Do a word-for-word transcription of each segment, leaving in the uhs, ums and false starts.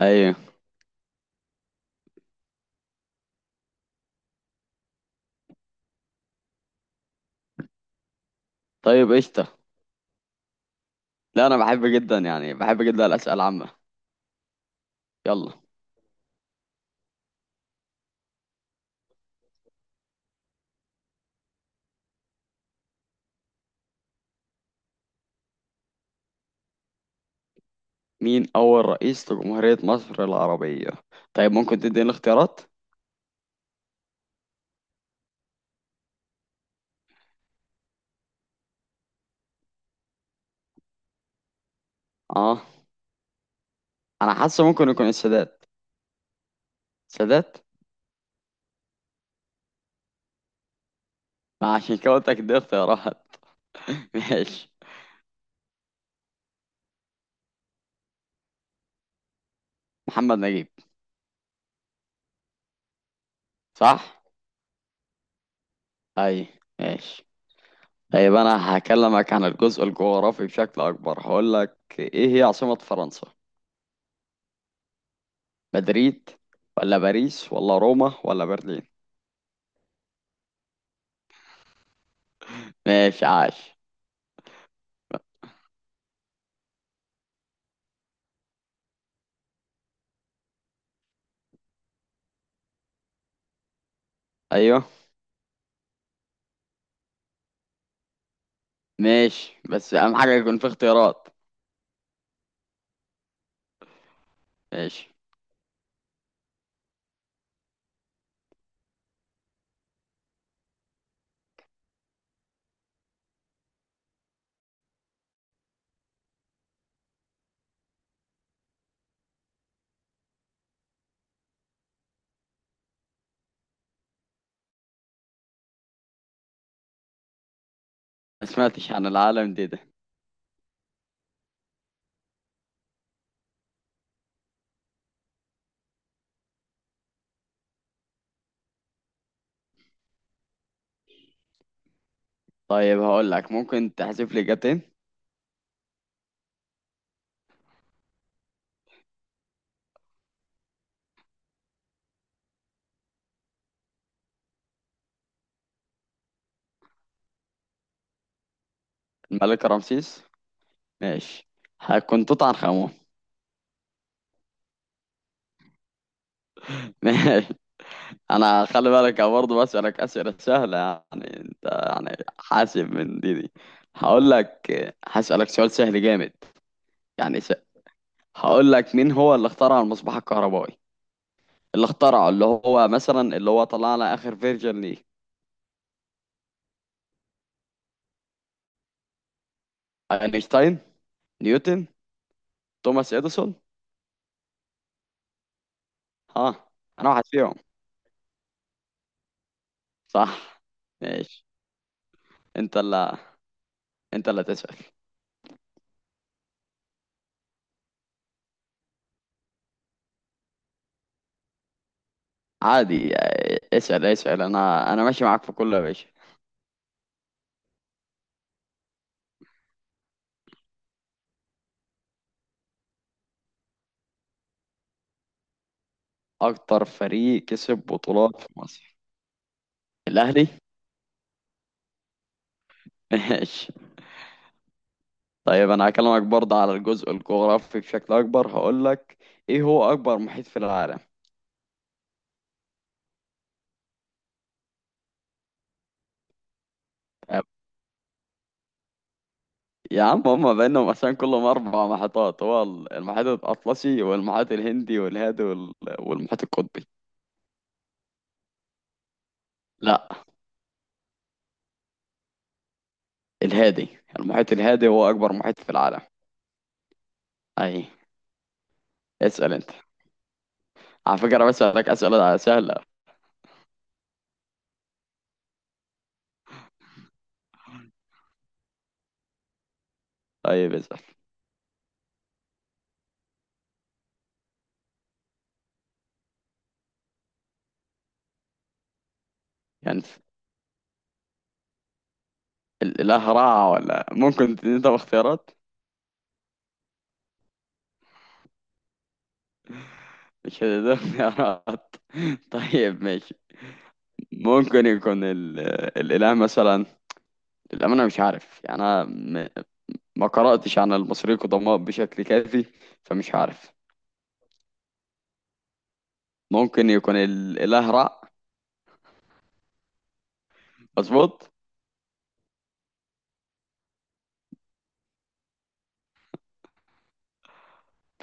ايوه. طيب، قشطة. لا، انا بحب جدا يعني بحب جدا الاسئله العامه. يلا. مين اول رئيس لجمهوريه مصر العربيه؟ طيب، ممكن تديني اختيارات؟ اه. انا حاسه ممكن يكون السادات. السادات. ما عشان كده قلت لك دي اختيارات. ماشي. محمد نجيب. صح. اي. ماشي. طيب انا هكلمك عن الجزء الجغرافي بشكل اكبر. هقول لك ايه هي عاصمه فرنسا؟ مدريد ولا باريس ولا روما ولا برلين؟ ماشي. عاش. ايوه. ماشي، بس اهم حاجة يكون في اختيارات. ماشي. ما سمعتش عن العالم دي ده. طيب هقول لك، ممكن تحذف لي اجابتين. الملك رمسيس. ماشي. هيكون توت عنخ امون. ماشي. انا خلي بالك، أنا برضه بسألك أسئلة سهلة، يعني انت يعني حاسب من دي دي. هقول لك، هسألك سؤال سهل جامد. يعني س... هقول لك، مين هو اللي اخترع المصباح الكهربائي؟ اللي اخترعه، اللي هو مثلا اللي هو طلعنا اخر فيرجن ليه. اينشتاين، نيوتن، توماس اديسون. اه. انا واحد فيهم. صح. ماشي. انت اللي انت اللي تسأل. عادي، آه، اسأل اسأل. انا انا ماشي معاك في كل، يا باشا. اكتر فريق كسب بطولات في مصر؟ الاهلي. ماشي. طيب انا هكلمك برضه على الجزء الجغرافي بشكل اكبر. هقول لك، ايه هو اكبر محيط في العالم؟ آه، يا عم، هما بينهم مثلا كلهم اربع محيطات. هو ال- المحيط الاطلسي والمحيط الهندي والهادي وال- والمحيط القطبي. لا. الهادي. المحيط الهادي هو اكبر محيط في العالم. اي. اسأل انت. على فكرة بسألك أسئلة سهلة. طيب اسأل. يعني انت ال- لا هراء، ولا ممكن تديني طب اختيارات؟ مش هتديني اختيارات؟ طيب ماشي. ممكن يكون ال... الإله مثلا. للأمانة مش عارف، يعني أنا م... ما قرأتش عن المصريين القدماء بشكل كافي، فمش عارف. ممكن يكون الإله را. مظبوط.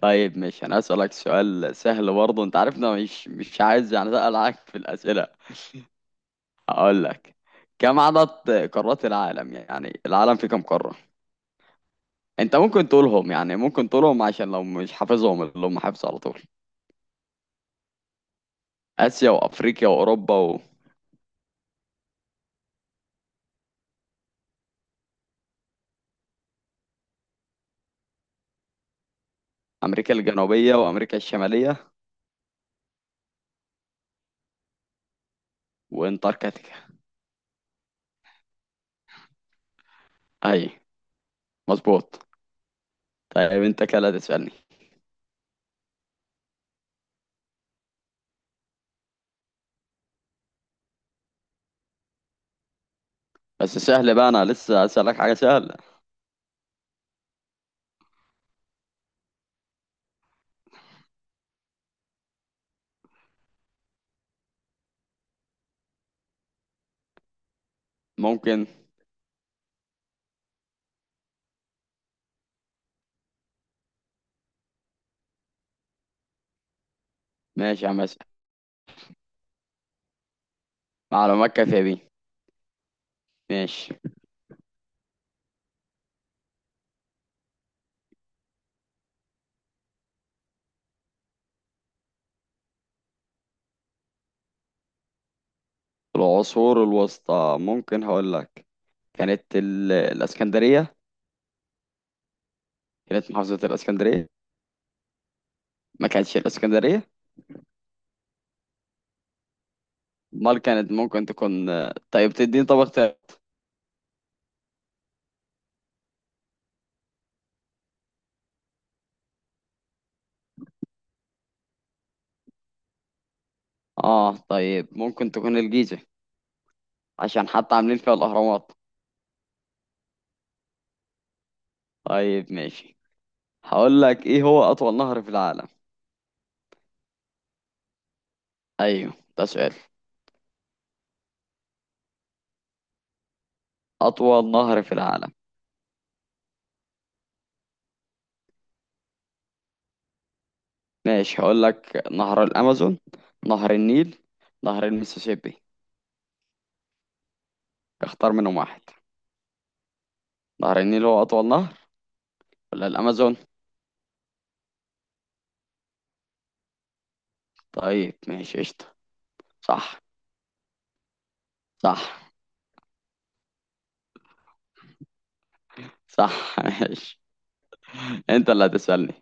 طيب ماشي. أنا أسألك سؤال سهل برضه. أنت عارف إن أنا مش مش عايز يعني أسأل عليك في الأسئلة. هقول لك كم عدد قارات العالم؟ يعني العالم فيه كم قارة؟ انت ممكن تقولهم، يعني ممكن تقولهم، عشان لو مش حافظهم، اللي هم حافظه على طول. اسيا وافريقيا واوروبا وامريكا الجنوبية وامريكا الشمالية وانتاركتيكا. اي. مظبوط. طيب انت كده تسألني. بس سهل بقى، انا لسه اسألك حاجة سهلة. ممكن. ماشي يا عم، اسأل. معلومات كافية بيه. ماشي. العصور الوسطى، ممكن هقول لك كانت ال... الاسكندرية. كانت محافظة الاسكندرية. ما كانتش الاسكندرية؟ امال كانت ممكن تكون، آه، طيب تديني طب اختيار. اه. طيب ممكن تكون الجيزة، عشان حتى عاملين فيها الاهرامات. طيب ماشي. هقول لك ايه هو اطول نهر في العالم؟ ايوه ده سؤال. اطول نهر في العالم. ماشي هقول لك، نهر الامازون، نهر النيل، نهر المسيسيبي. اختار منهم واحد. نهر النيل هو اطول نهر، ولا الامازون؟ طيب ماشي قشطة. صح. صح. صح. ماشي. انت اللي هتسألني.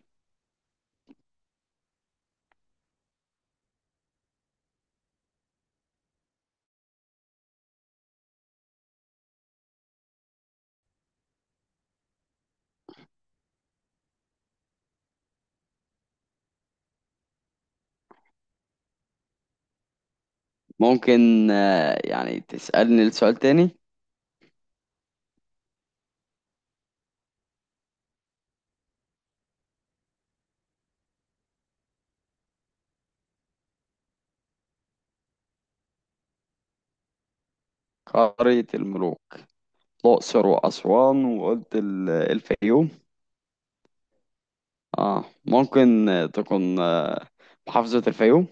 ممكن آه، يعني تسألني السؤال تاني. قارية الملوك. الأقصر وأسوان، وقلت ال- الفيوم. اه. ممكن آه، تكون آه، محافظة الفيوم.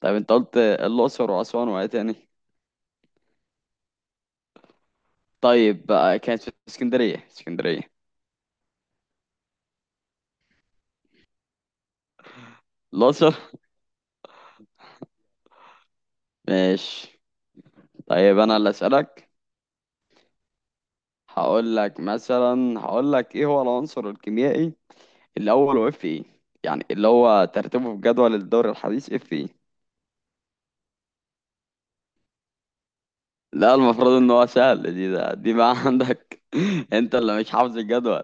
طيب انت قلت آه، الأقصر وأسوان وإيه تاني؟ طيب بقى كانت في اسكندرية. اسكندرية. الأقصر. ماشي. طيب أنا اللي أسألك. هقول لك مثلا هقول لك إيه هو العنصر الكيميائي الأول وإف إيه؟ يعني اللي هو ترتيبه في جدول الدوري الحديث إف إيه. لا، المفروض ان هو سهل دي ده دي بقى عندك. انت اللي مش حافظ الجدول.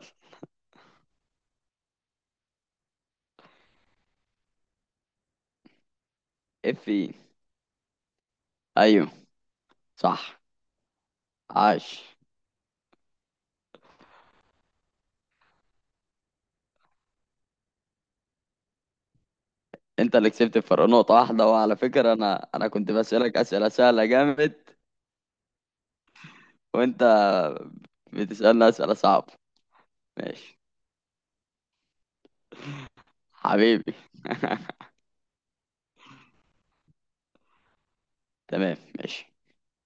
اف اي. ايوه صح. عاش. انت اللي كسبت. الفرق نقطة واحدة. وعلى فكرة انا انا كنت بسألك اسئلة سهلة جامد، وانت بتسألني اسئلة صعبة. ماشي. حبيبي. تمام ماشي.